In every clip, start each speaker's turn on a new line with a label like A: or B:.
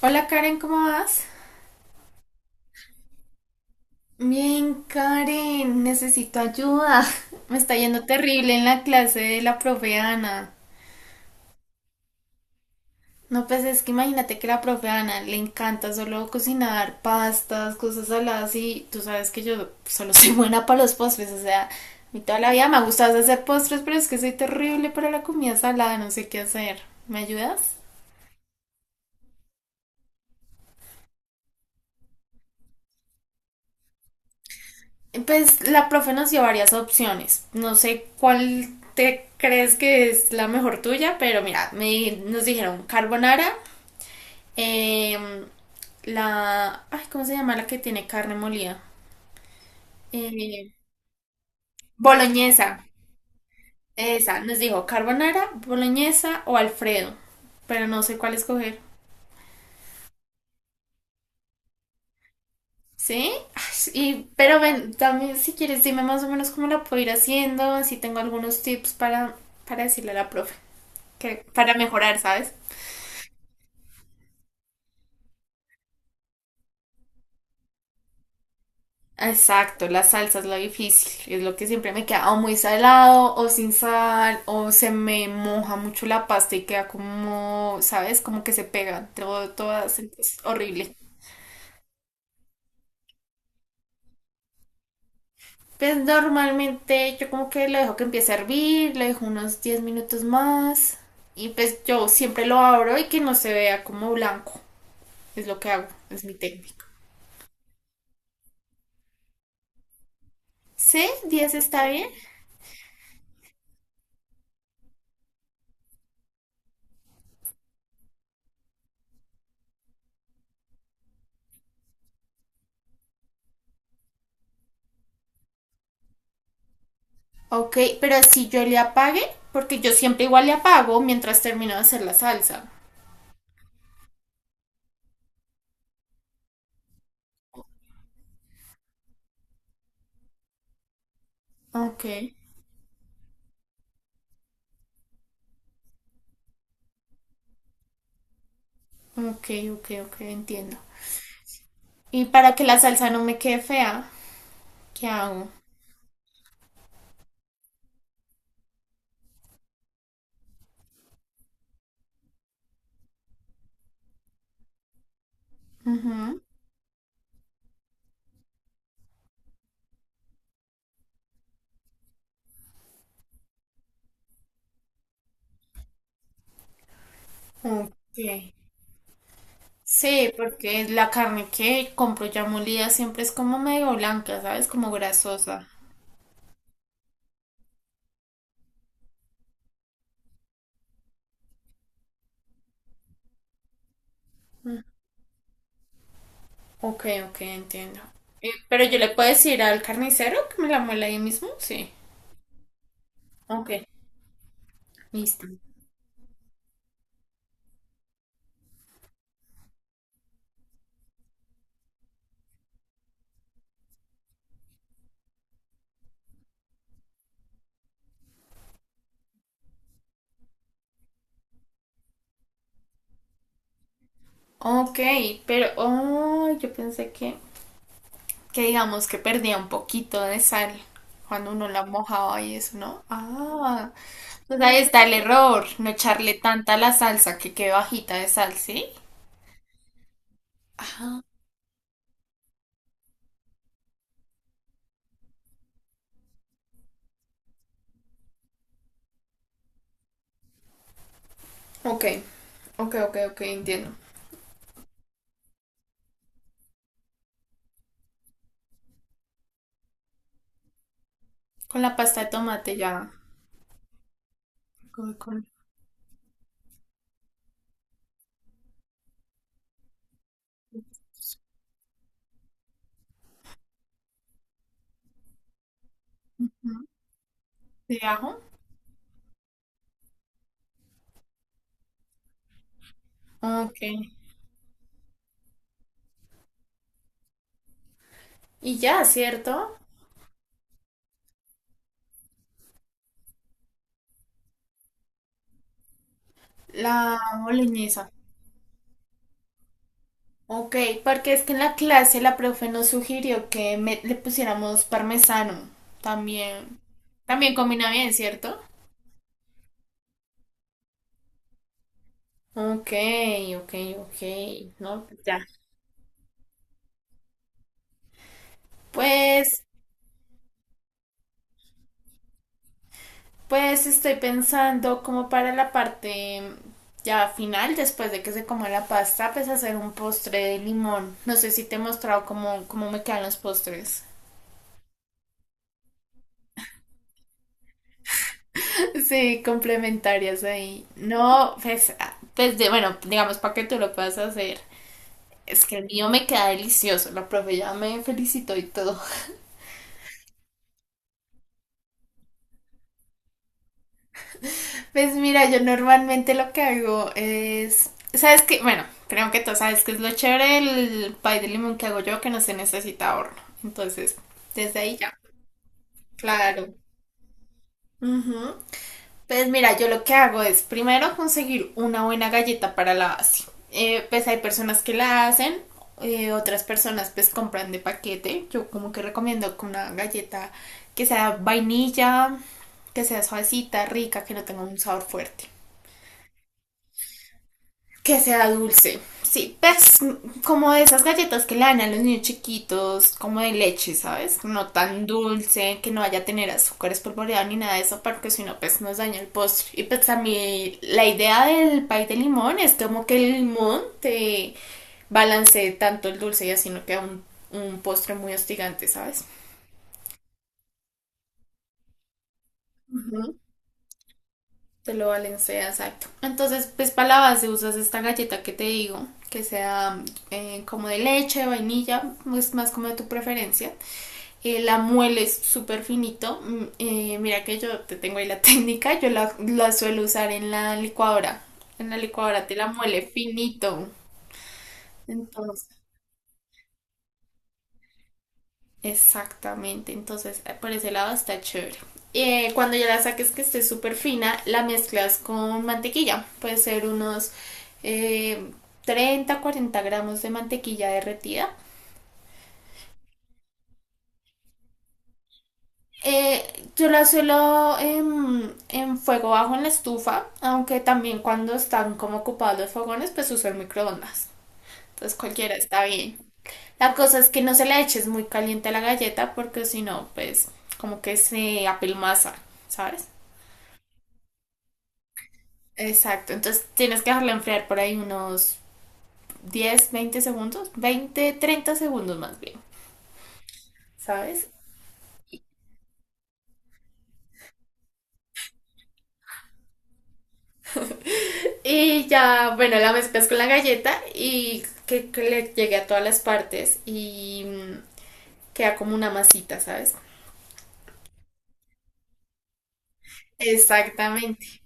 A: Hola Karen, ¿cómo vas? Bien, Karen, necesito ayuda. Me está yendo terrible en la clase de la profe Ana. No, pues es que imagínate que la profe Ana le encanta solo cocinar pastas, cosas saladas y tú sabes que yo solo soy buena para los postres, o sea, a mí toda la vida me ha gustado hacer postres, pero es que soy terrible para la comida salada, no sé qué hacer. ¿Me ayudas? Pues la profe nos dio varias opciones. No sé cuál te crees que es la mejor tuya, pero mira, nos dijeron carbonara, eh, la... Ay, ¿cómo se llama la que tiene carne molida? Eh, boloñesa. Esa, nos dijo carbonara, boloñesa o Alfredo, pero no sé cuál escoger. ¿Sí? Ay, Y pero ven, también si quieres dime más o menos cómo la puedo ir haciendo, así tengo algunos tips para decirle a la profe, que, para mejorar, ¿sabes? Exacto, la salsa es lo difícil, es lo que siempre me queda o muy salado o sin sal o se me moja mucho la pasta y queda como, ¿sabes? Como que se pega todo, todas, es horrible. Pues normalmente yo como que lo dejo que empiece a hervir, lo dejo unos 10 minutos más y pues yo siempre lo abro y que no se vea como blanco, es lo que hago, es mi técnica. ¿Sí? ¿10 está bien? Ok, pero si yo le apague, porque yo siempre igual le apago mientras termino de hacer la salsa. Ok, ok, ok, entiendo. Y para que la salsa no me quede fea, ¿qué hago? Ujú, ok. Sí, porque la carne que compro ya molida siempre es como medio blanca, ¿sabes? Como grasosa. Ok, ok, entiendo. Pero yo le puedo decir al carnicero que me la muela ahí mismo, sí. Ok, listo. Ok, pero, oh, yo pensé que digamos que perdía un poquito de sal cuando uno la mojaba y eso, ¿no? Ah, pues ahí está el error, no echarle tanta la salsa que quede bajita de sal, ¿sí? Ajá. Ok, ok, entiendo. Con la pasta de tomate ya. Con, con- ¿No? ¿De ajo? Ok. Y ya, ¿cierto? La boloñesa. Ok, porque es que en la clase la profe nos sugirió que le pusiéramos parmesano. También, también combina bien, ¿cierto? Ok, ok, ok, no, ya. Pues, pues estoy pensando como para la parte ya final, después de que se coma la pasta, pues hacer un postre de limón. No sé si te he mostrado cómo, cómo me quedan los postres. Sí, complementarias ahí. No, pues, ah, pues de, bueno, digamos para que tú lo puedas hacer. Es que el mío me queda delicioso. La profe ya me felicitó y todo. Pues mira, yo normalmente lo que hago es, ¿sabes qué? Bueno, creo que tú sabes que es lo chévere el pay de limón que hago yo, que no se necesita horno. Entonces, desde ahí ya. Claro. Ujú. Pues mira, yo lo que hago es primero conseguir una buena galleta para la base. Pues hay personas que la hacen, otras personas pues compran de paquete. Yo como que recomiendo que una galleta que sea vainilla, que sea suavecita, rica, que no tenga un sabor fuerte. Que sea dulce. Sí, pues como de esas galletas que le dan a los niños chiquitos, como de leche, ¿sabes? No tan dulce, que no vaya a tener azúcar espolvoreado ni nada de eso, porque si no, pues nos daña el postre. Y pues a mí la idea del pay de limón es como que el limón te balancee tanto el dulce y así no queda un postre muy hostigante, ¿sabes? Ujú. Te lo balancea, exacto. Entonces, pues para la base usas esta galleta que te digo, que sea como de leche, vainilla, pues más como de tu preferencia. La mueles súper finito. Mira que yo te tengo ahí la técnica, yo la suelo usar en la licuadora. En la licuadora te la muele finito. Entonces, exactamente, entonces por ese lado está chévere. Cuando ya la saques que esté súper fina, la mezclas con mantequilla. Puede ser unos eh, 30, 40 gramos de mantequilla derretida. Eh, yo la suelo fuego bajo en la estufa, aunque también cuando están como ocupados los fogones, pues uso el microondas. Entonces cualquiera está bien. La cosa es que no se la eches muy caliente a la galleta porque si no, pues como que se apelmaza, ¿sabes? Exacto, entonces tienes que dejarla enfriar por ahí unos 10, 20 segundos, 20, 30 segundos más bien, ¿sabes? Y ya, bueno, la mezclas con la galleta y que le llegue a todas las partes y queda como una masita, ¿sabes? Exactamente,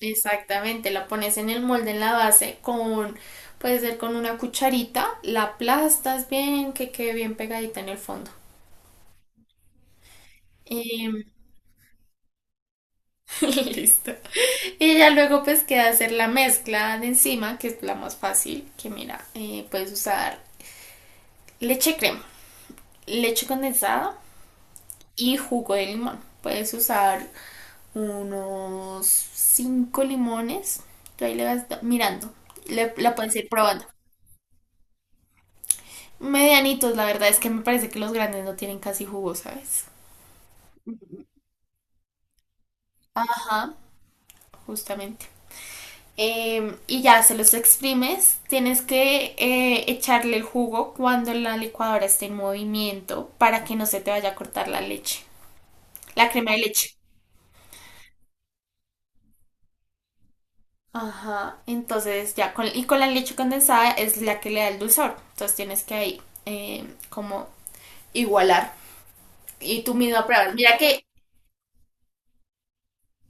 A: exactamente. La pones en el molde en la base con, puede ser con una cucharita, la aplastas bien, que quede bien pegadita en el fondo. Y listo. Y ya luego pues queda hacer la mezcla de encima, que es la más fácil, que mira, puedes usar leche crema, leche condensada y jugo de limón. Puedes usar unos 5 limones, tú ahí le vas mirando, la puedes ir probando. Medianitos, la verdad es que me parece que los grandes no tienen casi jugo, ¿sabes? Ajá, justamente. Y ya se los exprimes. Tienes que echarle el jugo cuando la licuadora esté en movimiento para que no se te vaya a cortar la leche, la crema de leche. Ajá, entonces ya, con, y con la leche condensada es la que le da el dulzor. Entonces tienes que ahí como igualar y tú misma probar. Mira que,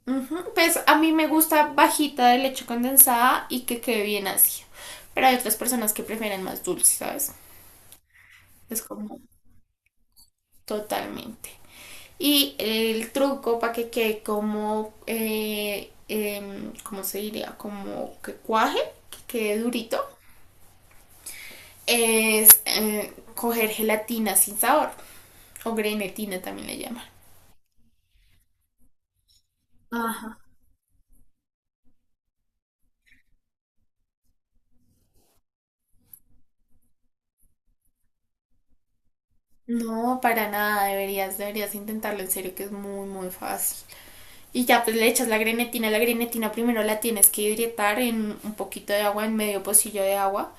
A: ujú, pues a mí me gusta bajita de leche condensada y que quede bien ácida. Pero hay otras personas que prefieren más dulce, ¿sabes? Es como totalmente. Y el truco para que quede como, ¿cómo se diría? Como que cuaje, que quede durito, es coger gelatina sin sabor, o grenetina también le llaman. Ajá. No, para nada, deberías intentarlo en serio, que es muy, muy fácil. Y ya pues le echas la grenetina primero la tienes que hidratar en un poquito de agua, en medio pocillo de agua,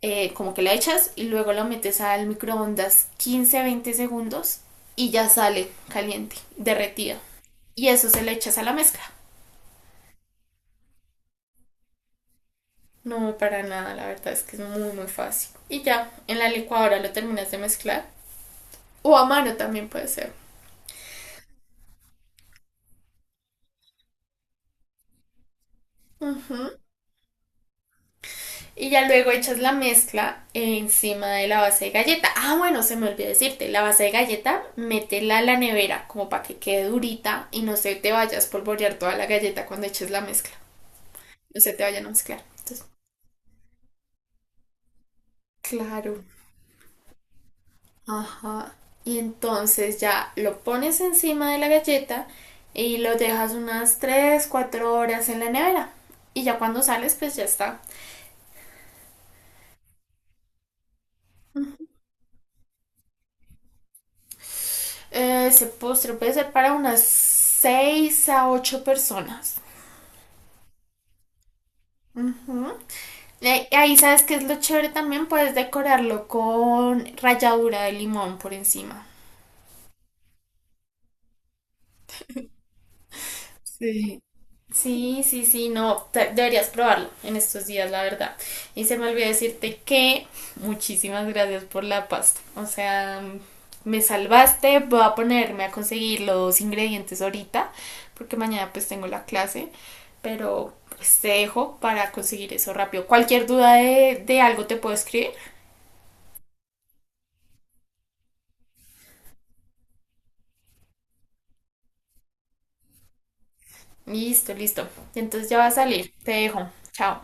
A: como que la echas y luego lo metes al microondas 15-20 segundos y ya sale caliente, derretida. Y eso se le echas a la mezcla. No, para nada, la verdad es que es muy, muy fácil. Y ya, en la licuadora lo terminas de mezclar. O a mano también puede ser. Ujú. Y ya luego echas la mezcla encima de la base de galleta. Ah, bueno, se me olvidó decirte, la base de galleta, métela a la nevera como para que quede durita y no se te vayas a espolvorear toda la galleta cuando eches la mezcla. Se te vayan a mezclar. Entonces, claro. Ajá. Y entonces ya lo pones encima de la galleta y lo dejas unas 3 o 4 horas en la nevera. Y ya cuando sales, pues ya está. Ese postre puede ser para unas 6 a 8 personas. Ujú. Ahí sabes que es lo chévere también, puedes decorarlo con ralladura de limón por encima. Sí. Sí, no, deberías probarlo en estos días, la verdad. Y se me olvidó decirte que muchísimas gracias por la pasta. O sea, me salvaste, voy a ponerme a conseguir los ingredientes ahorita, porque mañana pues tengo la clase, pero pues te dejo para conseguir eso rápido. Cualquier duda de algo te puedo escribir. Listo, listo. Entonces ya va a salir. Te dejo. Chao.